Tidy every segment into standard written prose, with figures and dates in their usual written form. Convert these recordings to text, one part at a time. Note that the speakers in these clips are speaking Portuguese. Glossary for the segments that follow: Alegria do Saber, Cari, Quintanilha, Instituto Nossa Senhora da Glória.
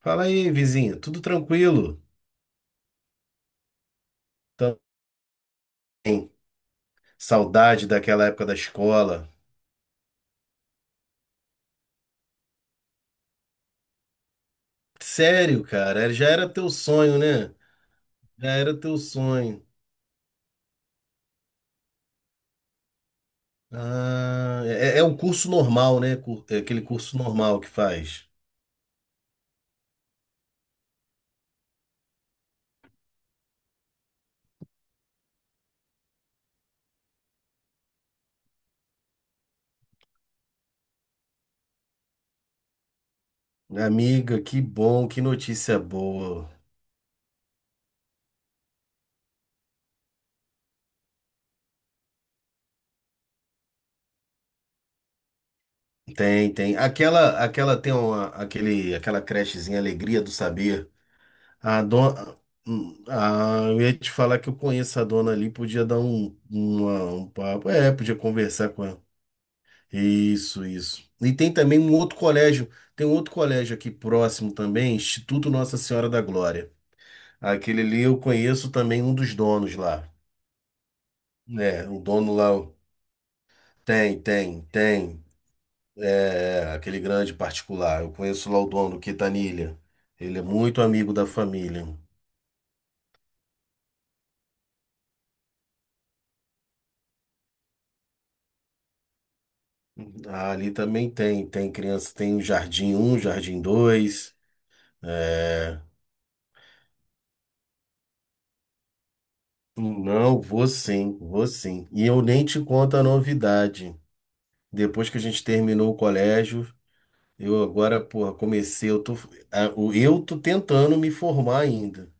Fala aí, vizinho, tudo tranquilo? Também. Saudade daquela época da escola. Sério, cara, já era teu sonho, né? Já era teu sonho. Ah, é um curso normal, né? É aquele curso normal que faz. Amiga, que bom, que notícia boa. Tem, tem. Aquela tem aquela crechezinha Alegria do Saber. A dona, eu ia te falar que eu conheço a dona ali, podia dar um papo. É, podia conversar com ela. Isso, isso. E tem também um outro colégio, tem um outro colégio aqui próximo também, Instituto Nossa Senhora da Glória. Aquele ali eu conheço também um dos donos lá. É, o dono lá tem, tem, tem. É, aquele grande particular. Eu conheço lá o dono, Quintanilha. Ele é muito amigo da família. Ah, ali também tem, tem criança, tem o Jardim um Jardim dois. É... Não, vou sim, vou sim. E eu nem te conto a novidade. Depois que a gente terminou o colégio, eu agora, porra, comecei, eu tô tentando me formar ainda,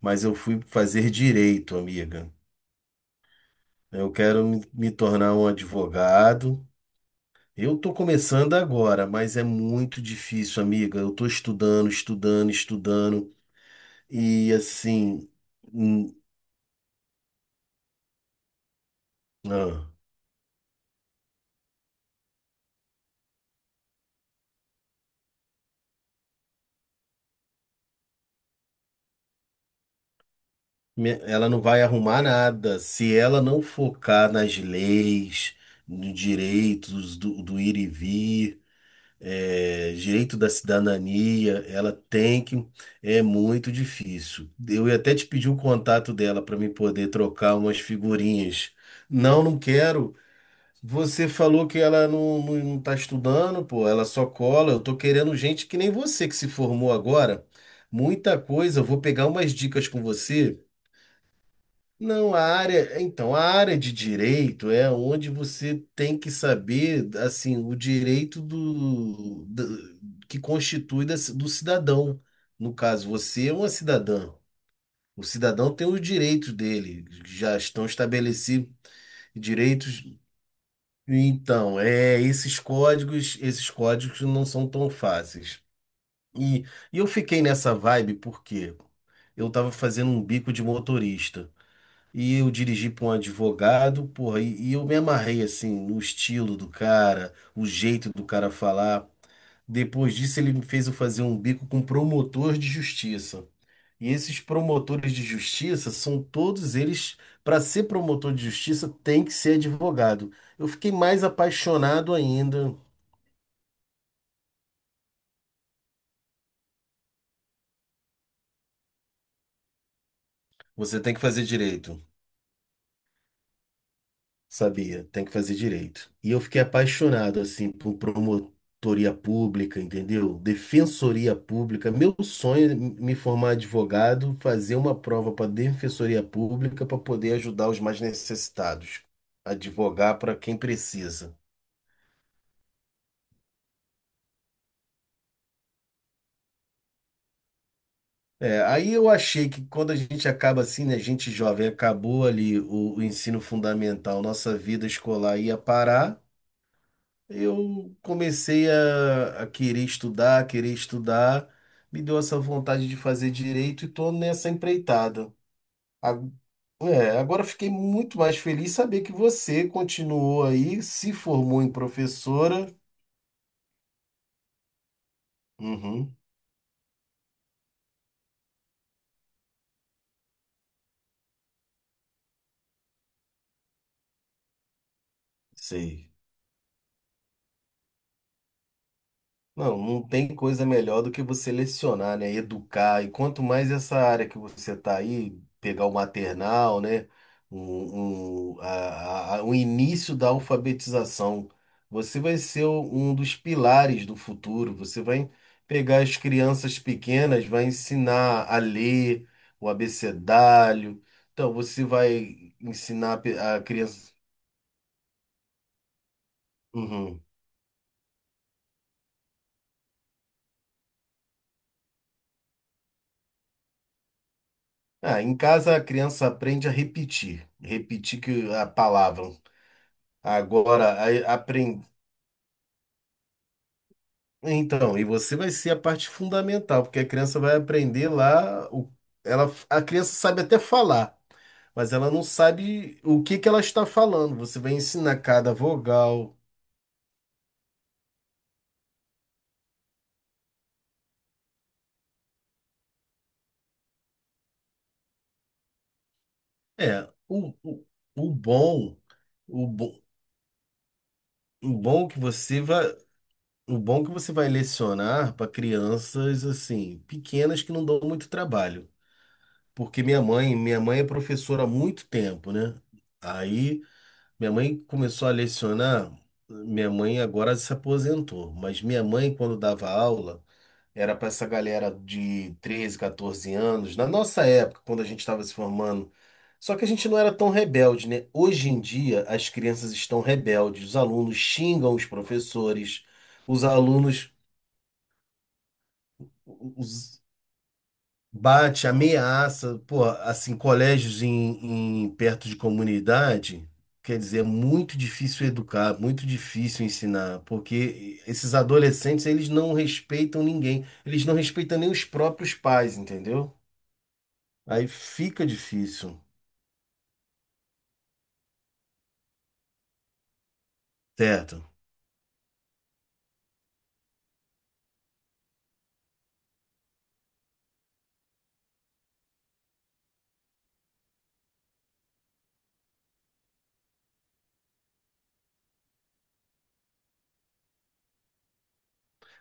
mas eu fui fazer direito, amiga. Eu quero me tornar um advogado. Eu tô começando agora, mas é muito difícil, amiga. Eu tô estudando, estudando, estudando. E assim, hum, ah, ela não vai arrumar nada se ela não focar nas leis, nos direitos do ir e vir, é, direito da cidadania. Ela tem que. É muito difícil. Eu ia até te pedir o contato dela para me poder trocar umas figurinhas. Não, não quero. Você falou que ela não, não, não tá estudando, pô, ela só cola. Eu tô querendo gente que nem você que se formou agora. Muita coisa, eu vou pegar umas dicas com você. Não, a área, então, a área de direito é onde você tem que saber, assim, o direito do que constitui do cidadão. No caso, você é uma cidadã. O cidadão tem os direitos dele, já estão estabelecidos direitos. Então, é, esses códigos não são tão fáceis. E, e eu fiquei nessa vibe porque eu estava fazendo um bico de motorista e eu dirigi para um advogado, porra, e eu me amarrei assim no estilo do cara, o jeito do cara falar. Depois disso, ele me fez eu fazer um bico com promotor de justiça. E esses promotores de justiça são todos eles, para ser promotor de justiça, tem que ser advogado. Eu fiquei mais apaixonado ainda. Você tem que fazer direito, sabia? Tem que fazer direito. E eu fiquei apaixonado, assim, por promotoria pública, entendeu? Defensoria pública. Meu sonho é me formar advogado, fazer uma prova para defensoria pública para poder ajudar os mais necessitados, advogar para quem precisa. É, aí eu achei que quando a gente acaba assim, né, gente jovem, acabou ali o ensino fundamental, nossa vida escolar ia parar, eu comecei a querer estudar, me deu essa vontade de fazer direito e tô nessa empreitada. A- É, agora fiquei muito mais feliz saber que você continuou aí, se formou em professora. Uhum, sei. Não, não tem coisa melhor do que você lecionar, né? Educar. E quanto mais essa área que você tá aí, pegar o maternal, né? O início da alfabetização. Você vai ser um dos pilares do futuro. Você vai pegar as crianças pequenas, vai ensinar a ler o abecedário. Então, você vai ensinar a criança. Uhum. Ah, em casa a criança aprende a repetir, que a palavra. Agora, aprende. Então, e você vai ser a parte fundamental, porque a criança vai aprender lá, a criança sabe até falar, mas ela não sabe o que que ela está falando. Você vai ensinar cada vogal. É, o, o, o bom, o bom, o bom que você vai, o bom que você vai lecionar para crianças assim, pequenas que não dão muito trabalho. Porque minha mãe é professora há muito tempo, né? Aí, minha mãe começou a lecionar. Minha mãe agora se aposentou, mas minha mãe, quando dava aula, era para essa galera de 13 14 anos, na nossa época, quando a gente estava se formando. Só que a gente não era tão rebelde, né? Hoje em dia, as crianças estão rebeldes, os alunos xingam os professores, os alunos. Bate, ameaça, pô, assim, colégios perto de comunidade, quer dizer, é muito difícil educar, muito difícil ensinar, porque esses adolescentes, eles não respeitam ninguém, eles não respeitam nem os próprios pais, entendeu? Aí fica difícil, certo?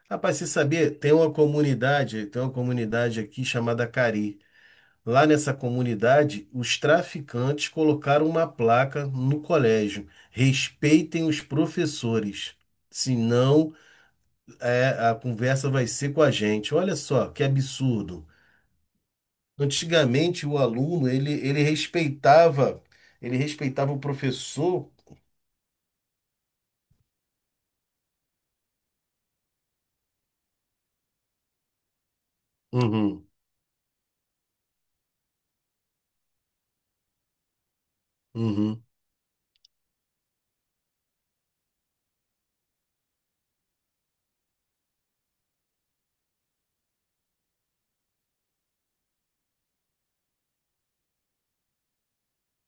Rapaz, você sabia, tem uma comunidade, aqui chamada Cari. Lá nessa comunidade, os traficantes colocaram uma placa no colégio: respeitem os professores, senão a conversa vai ser com a gente. Olha só que absurdo. Antigamente o aluno ele respeitava o professor. Uhum, uhum.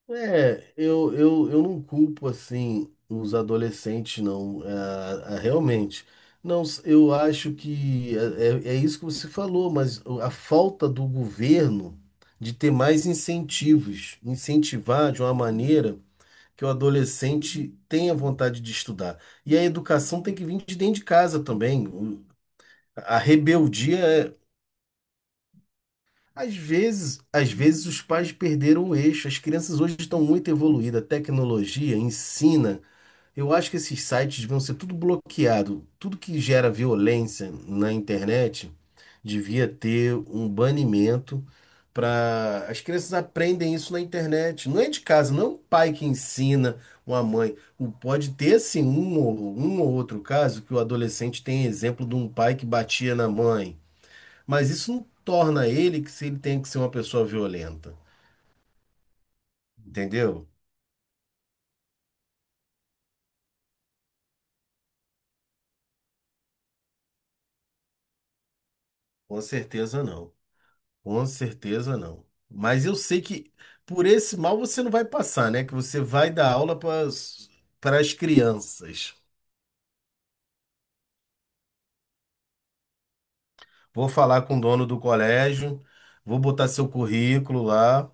É, eu não culpo assim os adolescentes, não. Ah, realmente. Não, eu acho que é, é isso que você falou, mas a falta do governo de ter mais incentivos, incentivar de uma maneira que o adolescente tenha vontade de estudar. E a educação tem que vir de dentro de casa também. A rebeldia é, às vezes os pais perderam o eixo. As crianças hoje estão muito evoluídas, a tecnologia ensina. Eu acho que esses sites deviam ser tudo bloqueado. Tudo que gera violência na internet devia ter um banimento para as crianças aprendem isso na internet. Não é de casa, não é um pai que ensina uma mãe. Pode ter sim um ou outro caso que o adolescente tem exemplo de um pai que batia na mãe, mas isso não torna ele que se ele tem que ser uma pessoa violenta, entendeu? Com certeza não. Com certeza não. Mas eu sei que por esse mal você não vai passar, né? Que você vai dar aula para as crianças. Vou falar com o dono do colégio, vou botar seu currículo lá.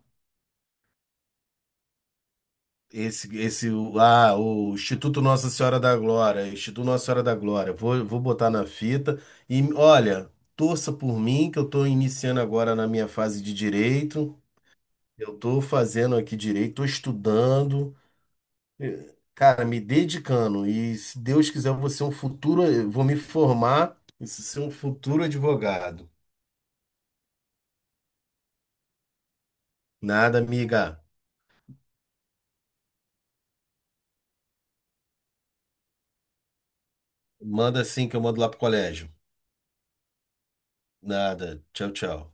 Esse, esse, o Instituto Nossa Senhora da Glória, Instituto Nossa Senhora da Glória, vou botar na fita e olha, torça por mim que eu estou iniciando agora na minha fase de direito, eu estou fazendo aqui direito, estou estudando, cara, me dedicando e se Deus quiser eu vou me formar e ser um futuro advogado. Nada, amiga, manda assim que eu mando lá pro colégio. Nada, tchau, tchau.